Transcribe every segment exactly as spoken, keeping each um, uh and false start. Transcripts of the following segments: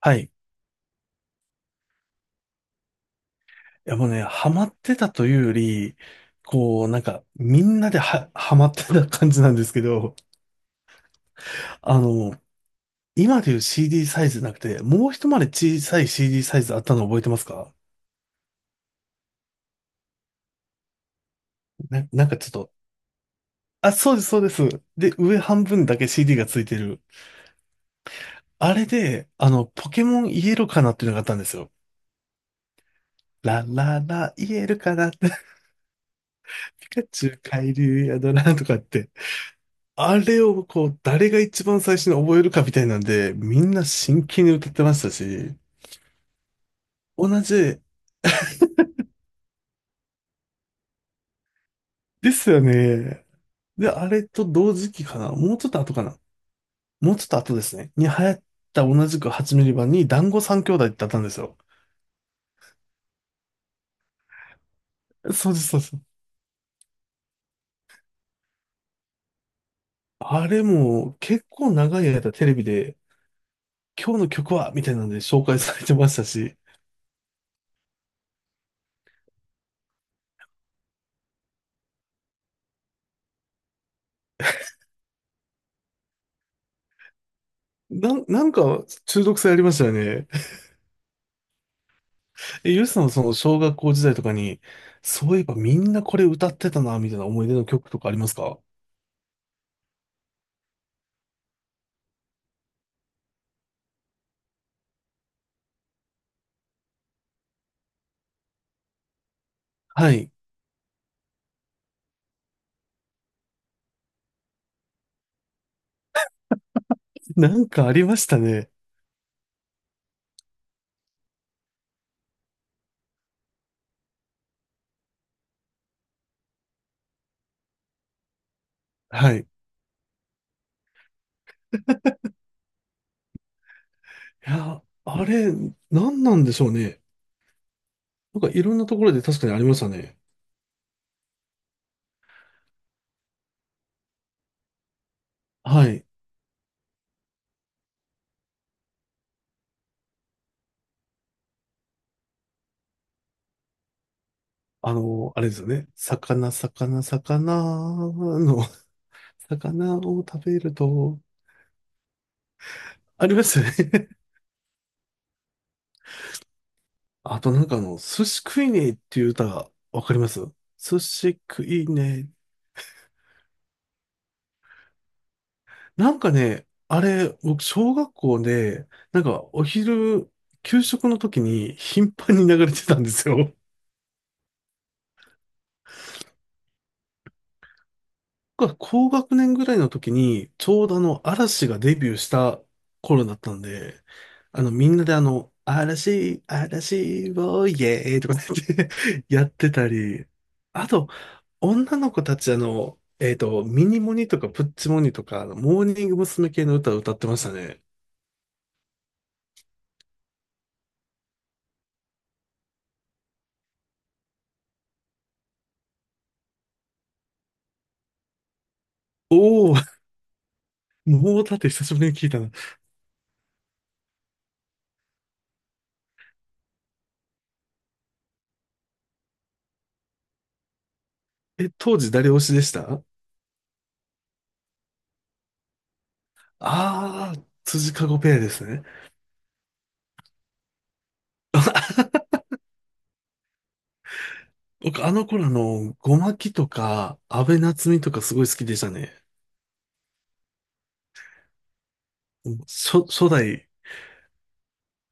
はい。いやもうね、ハマってたというより、こう、なんか、みんなでは、ハマってた感じなんですけど、あの、今でいう シーディー サイズじゃなくて、もう一回り小さい シーディー サイズあったの覚えてますか？な、なんかちょっと、あ、そうです、そうです。で、上半分だけ シーディー がついてる。あれで、あの、ポケモンイエロかなっていうのがあったんですよ。ラララ、イエロかなって、ピカチュウ、カエル、ヤドラとかって、あれをこう、誰が一番最初に覚えるかみたいなんで、みんな真剣に歌ってましたし、同じですよね。で、あれと同時期かな。もうちょっと後かな。もうちょっと後ですね。に流行った同じくはちミリミリ版に団子三兄弟ってあったんですよ。そうです、そうです。あれも結構長い間テレビで、今日の曲はみたいなんで紹介されてましたし、なん、なんか中毒性ありましたよね。え、ゆうさん、その小学校時代とかに、そういえばみんなこれ歌ってたな、みたいな思い出の曲とかありますか？はい。なんかありましたね。はい。いや、あれ、なんなんでしょうね。なんかいろんなところで確かにありましたね。はい。あの、あれですよね。魚、魚、魚の、魚を食べると、ありましたね。あとなんかあの、寿司食いねえっていう歌、わかります？寿司食いねえ。なんかね、あれ、僕、小学校で、なんか、お昼、給食の時に頻繁に流れてたんですよ。僕は高学年ぐらいの時に、ちょうどあの、嵐がデビューした頃だったんで、あの、みんなであの、嵐、嵐、をイエーイとかね やってたり、あと、女の子たちあの、えっと、ミニモニとかプッチモニとか、あのモーニング娘。系の歌を歌ってましたね。おー、もうだって久しぶりに聞いたな。え、当時誰推しでしたあー？辻かごペアですね。僕、あの頃あの、ゴマキとか、安倍夏実とかすごい好きでしたね。初、初代、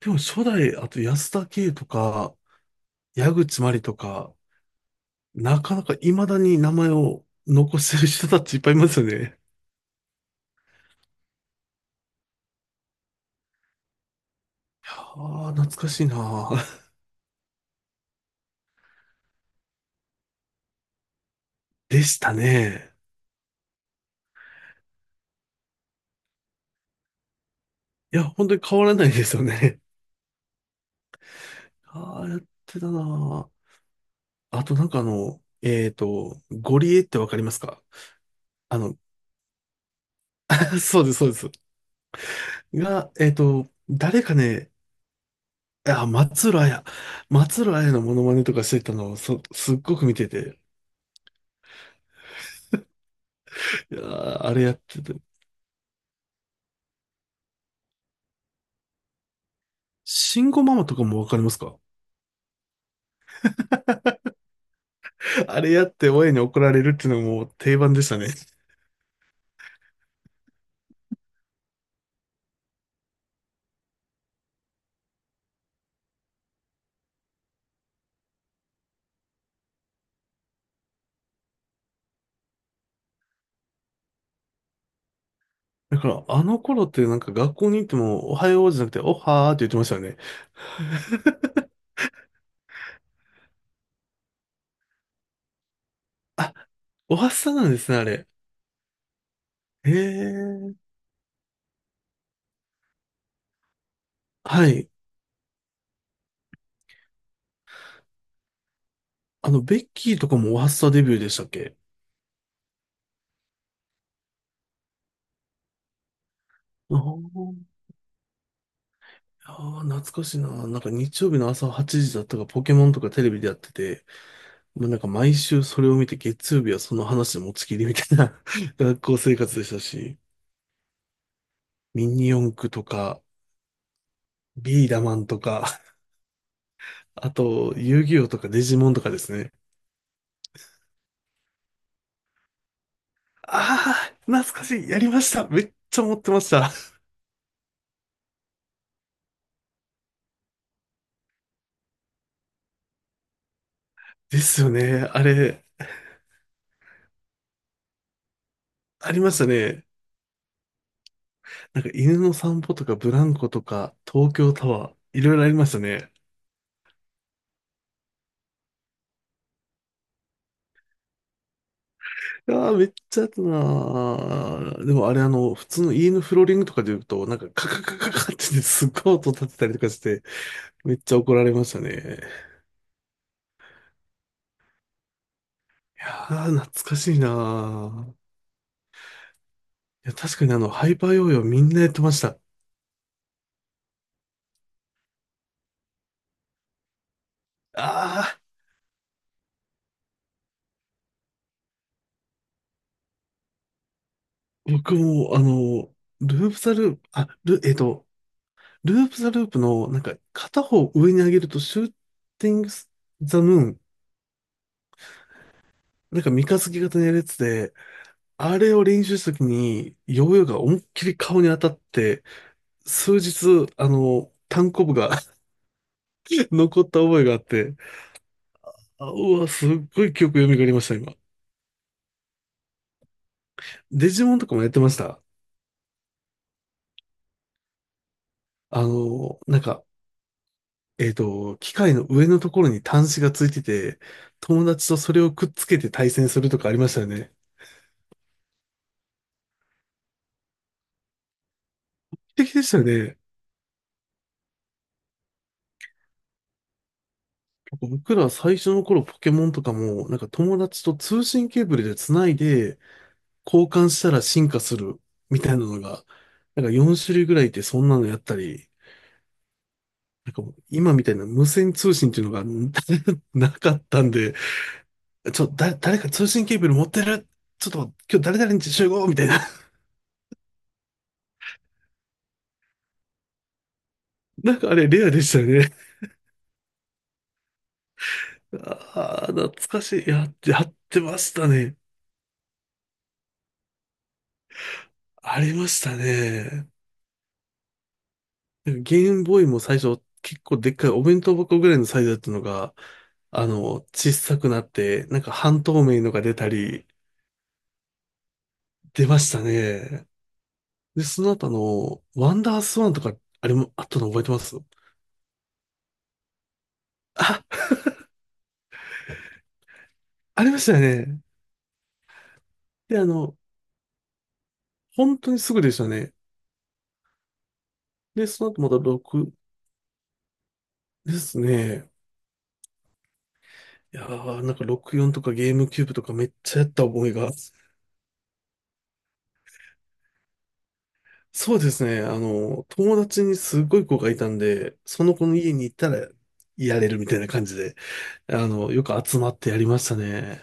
でも初代、あと安田圭とか、矢口真里とか、なかなか未だに名前を残してる人たちいっぱいいますよね。いやー、懐かしいなー。でしたね。いや、本当に変わらないですよね。ああ、やってたなー。あとなんかあの、えっと、ゴリエってわかりますか？あの、そうです、そうです。が、えっと、誰かね、あ、松浦綾。松浦綾のモノマネとかしてたのを、そ、すっごく見てて、いやーあれやってて。慎吾ママとかもわかりますか？ あれやって親に怒られるっていうのも定番でしたね。だから、あの頃ってなんか学校に行っても、おはようじゃなくて、おはーって言ってましたよね。おはっさなんですね、あれ。へえ。はい。あの、ベッキーとかもおはっさデビューでしたっけ？あーああ、懐かしいな。なんか日曜日の朝はちじだったか、ポケモンとかテレビでやってて、もうなんか毎週それを見て、月曜日はその話で持ちきりみたいな 学校生活でしたし、ミニ四駆とか、ビーダマンとか、あと、遊戯王とかデジモンとかですね。ああ、懐かしい。やりました。めっちゃ持ってました。ですよね。あれ、ありましたね。なんか犬の散歩とか、ブランコとか、東京タワー、いろいろありましたね。いやー、めっちゃやったなー。でもあれ、あの、普通の家のフローリングとかで言うと、なんかカカカカカってね すっごい音立てたりとかして、めっちゃ怒られましたね。いやー、懐かしいなー。いや、確かにあの、ハイパーヨーヨーみんなやってました。ああ僕も、あの、ループザループ、あ、ル、えっと、ループザループの、なんか、片方上に上げると、シューティングザムーン、なんか三日月型のやるやつで、あれを練習した時に、ヨーヨーが思いっきり顔に当たって、数日、あの、単コブが 残った覚えがあって、あ、うわ、すっごい記憶蘇りました、今。デジモンとかもやってました。あの、なんか、えっと、機械の上のところに端子がついてて、友達とそれをくっつけて対戦するとかありましたよね。素敵でしたよね。僕ら最初の頃ポケモンとかも、なんか友達と通信ケーブルでつないで、交換したら進化するみたいなのが、なんかよん種類ぐらいいてそんなのやったり、なんかもう今みたいな無線通信っていうのが なかったんで、ちょ、だ、誰か通信ケーブル持ってる？ちょっと今日誰々に集合みたいな。なんかあれレアでしたよね。ああ、懐かしい。やって、やってましたね。ありましたね。ゲームボーイも最初結構でっかいお弁当箱ぐらいのサイズだったのが、あの、小さくなって、なんか半透明のが出たり、出ましたね。で、その後あの、ワンダースワンとか、あれもあったの覚えてます？あ、ありましたよね。で、あの、本当にすぐでしたね。で、その後またろくですね。いやー、なんかろくじゅうよんとかゲームキューブとかめっちゃやった覚えが。そうですね。あの、友達にすごい子がいたんで、その子の家に行ったらやれるみたいな感じで、あの、よく集まってやりましたね。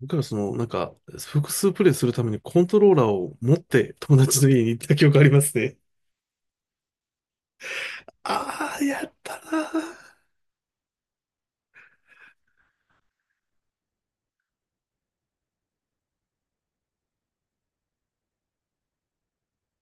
僕らその、なんか、複数プレイするためにコントローラーを持って友達の家に行った記憶ありますね。ああ、やったなー。